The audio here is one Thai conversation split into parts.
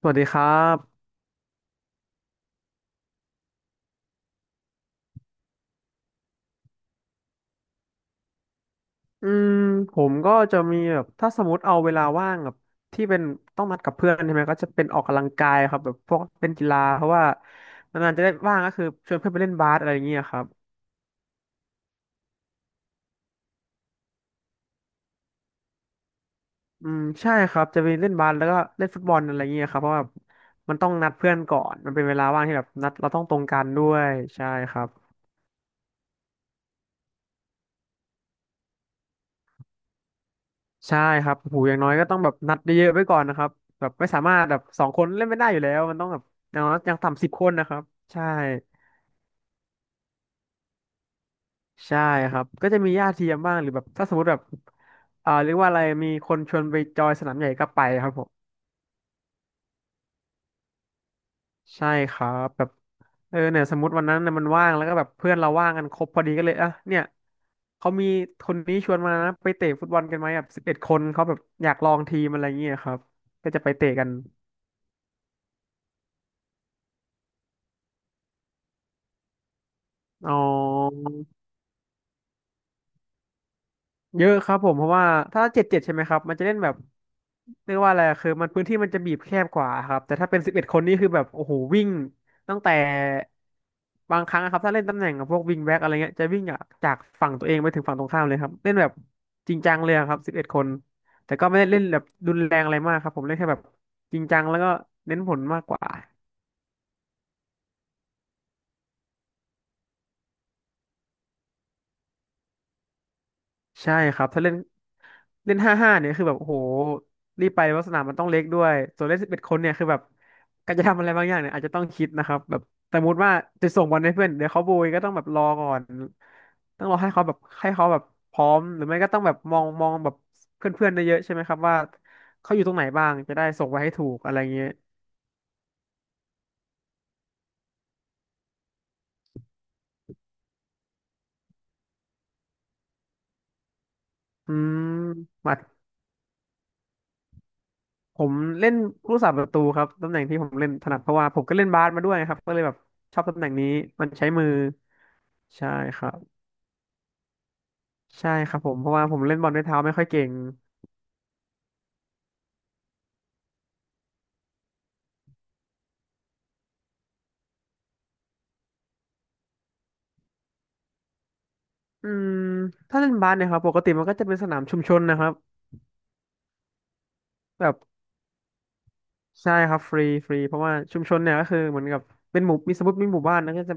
สวัสดีครับอืมผมก็จะมีแบบถ้าสมมติเอาเวลาว่างแบบที่เป็นต้องนัดกับเพื่อนใช่ไหมก็จะเป็นออกกำลังกายครับแบบพวกเป็นกีฬาเพราะว่านานๆจะได้ว่างก็คือชวนเพื่อนไปเล่นบาสอะไรอย่างเงี้ยครับอืมใช่ครับจะไปเล่นบาสแล้วก็เล่นฟุตบอลอะไรอย่างเงี้ยครับเพราะว่ามันต้องนัดเพื่อนก่อนมันเป็นเวลาว่างที่แบบนัดเราต้องตรงกันด้วยใช่ครับใช่ครับโอ้โหูอย่างน้อยก็ต้องแบบนัดเยอะๆไว้ก่อนนะครับแบบไม่สามารถแบบสองคนเล่นไม่ได้อยู่แล้วมันต้องแบบอย่างน้อยอย่างต่ำ10 คนนะครับใช่ ใช่ครับก็จะมีญาติเทียมบ้างหรือแบบถ้าสมมติแบบเรียกว่าอะไรมีคนชวนไปจอยสนามใหญ่ก็ไปครับผมใช่ครับแบบเออเนี่ยสมมติวันนั้นน่ะมันว่างแล้วก็แบบเพื่อนเราว่างกันครบพอดีก็เลยอ่ะเนี่ยเขามีคนนี้ชวนมานะไปเตะฟุตบอลกันไหมแบบสิบเอ็ดคนเขาแบบอยากลองทีมอะไรเงี้ยครับก็จะไปเตะกันอ๋อ เยอะครับผมเพราะว่าถ้า7-7ใช่ไหมครับมันจะเล่นแบบเรียกว่าอะไรคือมันพื้นที่มันจะบีบแคบกว่าครับแต่ถ้าเป็นสิบเอ็ดคนนี่คือแบบโอ้โหวิ่งตั้งแต่บางครั้งอะครับถ้าเล่นตำแหน่งกับพวกวิงแบ็กอะไรเงี้ยจะวิ่งจากฝั่งตัวเองไปถึงฝั่งตรงข้ามเลยครับเล่นแบบจริงจังเลยอะครับสิบเอ็ดคนแต่ก็ไม่ได้เล่นแบบรุนแรงอะไรมากครับผมเล่นแค่แบบจริงจังแล้วก็เน้นผลมากกว่า ใช่ครับถ้าเล่นเล่น5-5เนี่ยคือแบบโอ้โหรีบไปเพราะสนามมันต้องเล็กด้วยส่วนเล่นสิบเอ็ดคนเนี่ยคือแบบการจะทำอะไรบางอย่างเนี่ยอาจจะต้องคิดนะครับแบบสมมติว่าจะส่งบอลให้เพื่อนเดี๋ยวเขาโบยก็ต้องแบบรอก่อนต้องรอให้เขาแบบให้เขาแบบพร้อมหรือไม่ก็ต้องแบบมองมองแบบเพื่อนๆได้เยอะๆใช่ไหมครับว่าเขาอยู่ตรงไหนบ้างจะได้ส่งไปให้ถูกอะไรเงี้ยอืมมา ผมเล่นผู้สาประตูครับตำแหน่งที่ผมเล่นถนัดเพราะว่าผมก็เล่นบาสมาด้วยครับก็เลยแบบชอบตำแหน่งนี้มันใช้มือใช่ครับใช่ครับผมเพราะว่าผมเล่นบอลด้วยเท้าไม่ค่อยเก่งอืมถ้าเล่นบาสเนี่ยครับปกติมันก็จะเป็นสนามชุมชนนะครับแบบใช่ครับฟรีฟรีเพราะว่าชุมชนเนี่ยก็คือเหมือนกับเป็นหมู่มีสมมติมีหมู่บ้านแล้วก็จะ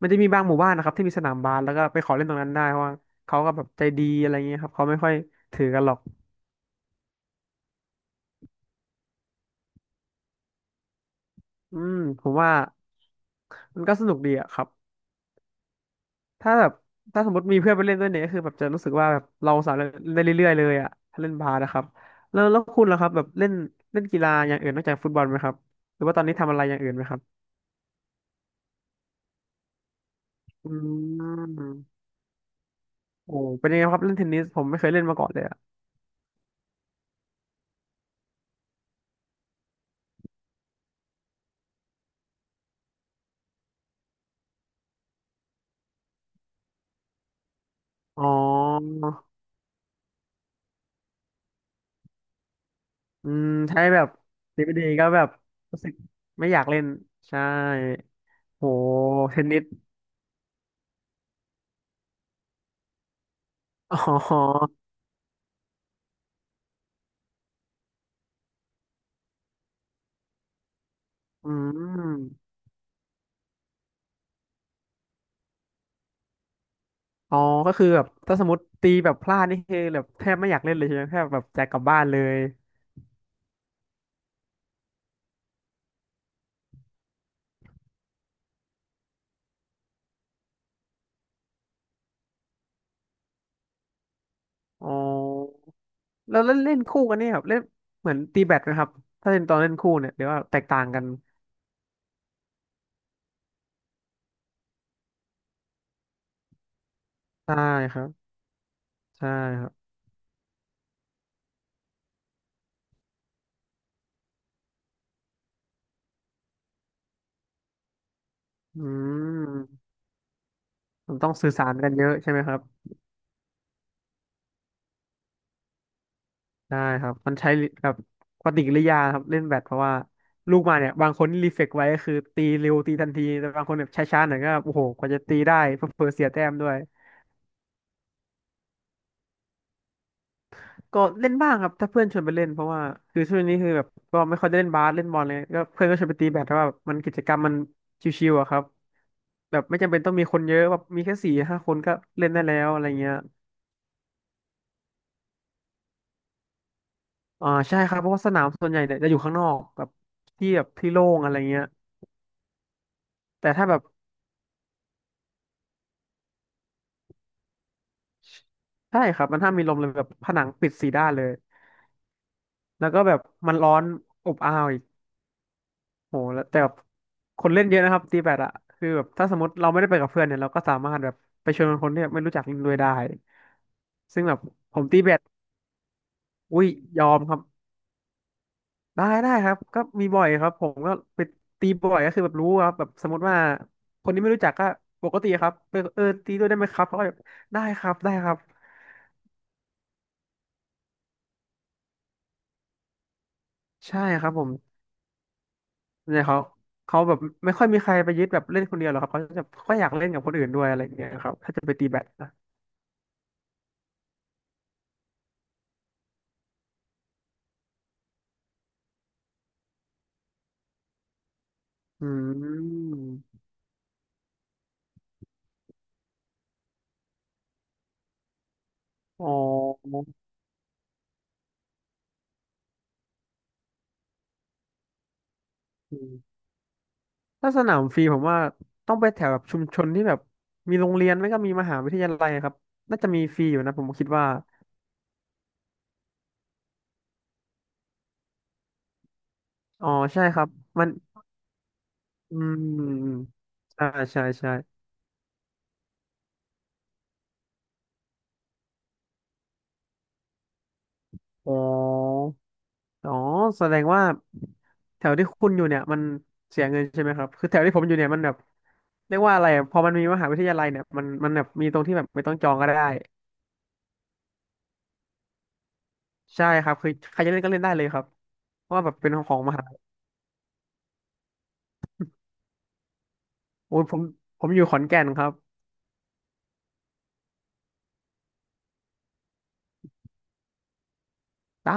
มันจะมีบางหมู่บ้านนะครับที่มีสนามบาสแล้วก็ไปขอเล่นตรงนั้นได้เพราะว่าเขาก็แบบใจดีอะไรเงี้ยครับเขาไม่ค่อยถือกันหรอกอืมผมว่ามันก็สนุกดีอะครับ ถ้าแบบถ้าสมมติมีเพื่อนไปเล่นด้วยเนี่ยก็คือแบบจะรู้สึกว่าแบบเราสามารถเล่นได้เรื่อยๆเลยอ่ะถ้าเล่นบาสนะครับแล้วคุณล่ะครับแบบเล่นเล่นกีฬาอย่างอื่นนอกจากฟุตบอลไหมครับหรือว่าตอนนี้ทำอะไรอย่างอื่นไหมครับอืมโอ้เป็นยังไงครับเล่นเทนนิสผมไม่เคยเล่นมาก่อนเลยอ่ะอ๋ออืมใช้แบบดีไม่ดีก็แบบรู้สึกไม่อยากเล่นใช่โหเทนนิสอ๋ออืม อ๋อก็คือแบบถ้าสมมติตีแบบพลาดนี่คือแบบแทบไม่อยากเล่นเลยใช่ไหมแทบแบบจะกลับบ้านเลยอ๋อแล้วเล่นเล่นคู่กันเนี่ยครับเล่นเหมือนตีแบดนะครับถ้าเล่นตอนเล่นคู่เนี่ยหรือว่าแตกต่างกันใช่ครับใช่ครับอืมมันต้องสื่อสารกันเยอะใช่ไหมครับได้ครับมันใช้แบบปฏิกิริยาครับเล่นแบดเพราะว่าลูกมาเนี่ยบางคนรีเฟกไว้ก็คือตีเร็วตีทันทีแต่บางคนแบบช้าๆหน่อยก็โอ้โหกว่าจะตีได้เผลอๆเสียแต้มด้วย ก็เล่นบ้างครับถ้าเพื่อนชวนไปเล่นเพราะว่าคือช่วงนี้คือแบบก็ไม่ค่อยได้เล่นบาสเล่นบอลเลยก็เพื่อนก็ชวนไปตีแบดแต่ว่าแบบมันกิจกรรมมันชิวๆอะครับแบบไม่จำเป็นต้องมีคนเยอะแบบมีแค่สี่ห้าคนก็เล่นได้แล้วอะไรเงี้ยอ่าใช่ครับเพราะว่าสนามส่วนใหญ่เนี่ยจะอยู่ข้างนอกแบบที่แบบที่โล่งอะไรเงี้ยแต่ถ้าแบบใช่ครับมันห้ามมีลมเลยแบบผนังปิดสี่ด้านเลยแล้วก็แบบมันร้อนอบอ้าวอีก โหแล้วแต่แบบคนเล่นเยอะนะครับตีแบดอะคือแบบถ้าสมมติเราไม่ได้ไปกับเพื่อนเนี่ยเราก็สามารถแบบไปชวนคนที่แบบไม่รู้จักเล่นด้วยได้ซึ่งแบบผมตีแบดอุ้ยยอมครับได้ได้ครับก็มีบ่อยครับผมก็ไปตีบ่อยก็คือแบบรู้ครับแบบสมมติว่าคนที่ไม่รู้จักก็ปกติครับไปตีด้วยได้ไหมครับเขาก็แบบได้ครับได้ครับใช่ครับผมเนี่ยเขาแบบไม่ค่อยมีใครไปยึดแบบเล่นคนเดียวหรอกครับเขาจะค่อยอยากเล่นกับคนอื่นด้วยอะไรอย่างเงี้ยครับถ้าจะไปตีแบดนะอืม อ๋ออืมถ้าสนามฟรีผมว่าต้องไปแถวแบบชุมชนที่แบบมีโรงเรียนไม่ก็มีมหาวิทยาลัยครับน่าจะมีฟรีอยู่นะผมคิดว่าอ๋อใช่ครับมันอืมใช่ใช่ใช่อ๋ออ๋อแสดงว่าแถวที่คุณอยู่เนี่ยมันเสียเงินใช่ไหมครับคือแถวที่ผมอยู่เนี่ยมันแบบเรียกว่าอะไรอะพอมันมีมหาวิทยาลัยเนี่ยมันแบบมีตรงที่แบบไม่ต้องจองก็ได้ใช่ครับคือใครจะเล่นก็เล่นได้เลยครับเพราะว่าแบบเป็นของมหาโอ้ยผมอยู่ขอนแก่นครับ ได้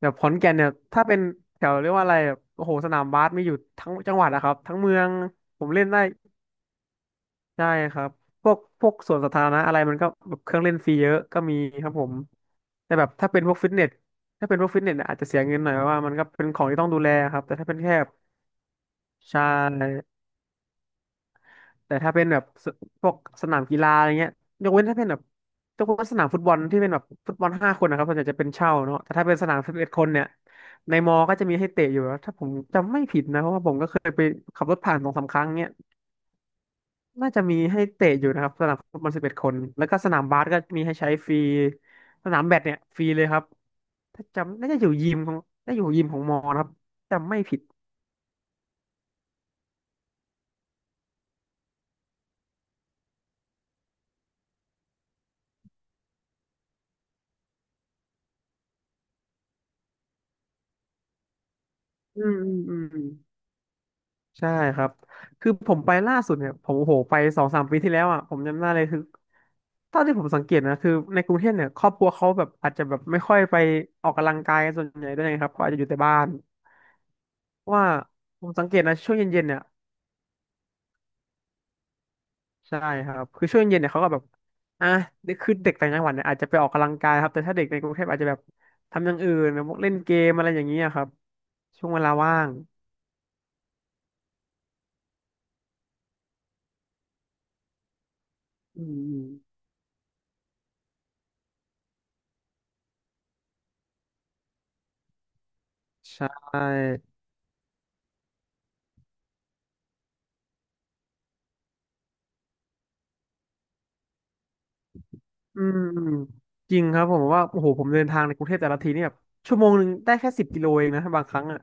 แบบขอนแก่นเนี่ยถ้าเป็นแถวเรียกว่าอะไรแบบโอ้โหสนามบาสมีอยู่ทั้งจังหวัดนะครับทั้งเมืองผมเล่นได้ใช่ครับพวกสวนสาธารณะอะไรมันก็แบบเครื่องเล่นฟรีเยอะก็มีครับผมแต่แบบถ้าเป็นพวกฟิตเนสถ้าเป็นพวกฟิตเนสเนี่ยอาจจะเสียเงินหน่อยเพราะว่ามันก็เป็นของที่ต้องดูแลครับแต่ถ้าเป็นแค่ใช่ แต่ถ้าเป็นแบบสพวกสนามกีฬาอะไรเงี้ยยกเว้นถ้าเป็นแบบยกเว้นสนามฟุตบอลที่เป็นแบบฟุตบอลห้าคนนะครับส่วนใหญ่จะเป็นเช่าเนาะแต่ถ้าเป็นสนามสิบเอ็ดคนเนี่ยในมอก็จะมีให้เตะอยู่แล้วถ้าผมจำไม่ผิดนะเพราะว่าผมก็เคยไปขับรถผ่านสองสามครั้งเนี่ยน่าจะมีให้เตะอยู่นะครับสนามฟุตบอลสิบเอ็ดคนแล้วก็สนามบาสก็มีให้ใช้ฟรีสนามแบดเนี่ยฟรีเลยครับถ้าจำน่าจะอยู่ยิมของน่าจะอยู่ยิมของมอนะครับจำไม่ผิดอืมอืมอืม ใช่ครับคือผมไปล่าสุดเนี่ยผมโอ้โหไปสองสามปีที่แล้วอ่ะผมจำได้เลยคือเท่าที่ผมสังเกตนะคือในกรุงเทพเนี่ยครอบครัวเขาแบบอาจจะแบบไม่ค่อยไปออกกำลังกายส่วนใหญ่ด้วยนะครับเขาอาจจะอยู่แต่บ้านว่าผมสังเกตนะช่วงเย็นๆเนี่ยใช่ครับคือช่วงเย็นๆเนี่ยเขาก็แบบอ่ะคือเด็กต่างจังหวัดเนี่ยอาจจะไปออกกำลังกายครับแต่ถ้าเด็กในกรุงเทพอาจจะแบบทำอย่างอื่นแบบพวกเล่นเกมอะไรอย่างเงี้ยครับช่วงเวลาว่างอืมๆใช่ อืมจริงครับผมว่าโอ้โหผมเดินทางในกรุงเทพแต่ละทีนี่แบบชั่วโมงหนึ่งได้แค่10 กิโลเองนะบางครั้งอ่ะ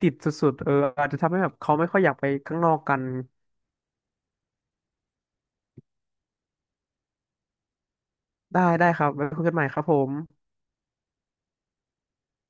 ติดสุดๆเอออาจจะทำให้แบบเขาไม่ค่อยอยากไปข้างนอกกันได้ได้ครับไว้คุยกันใหม่ครับผม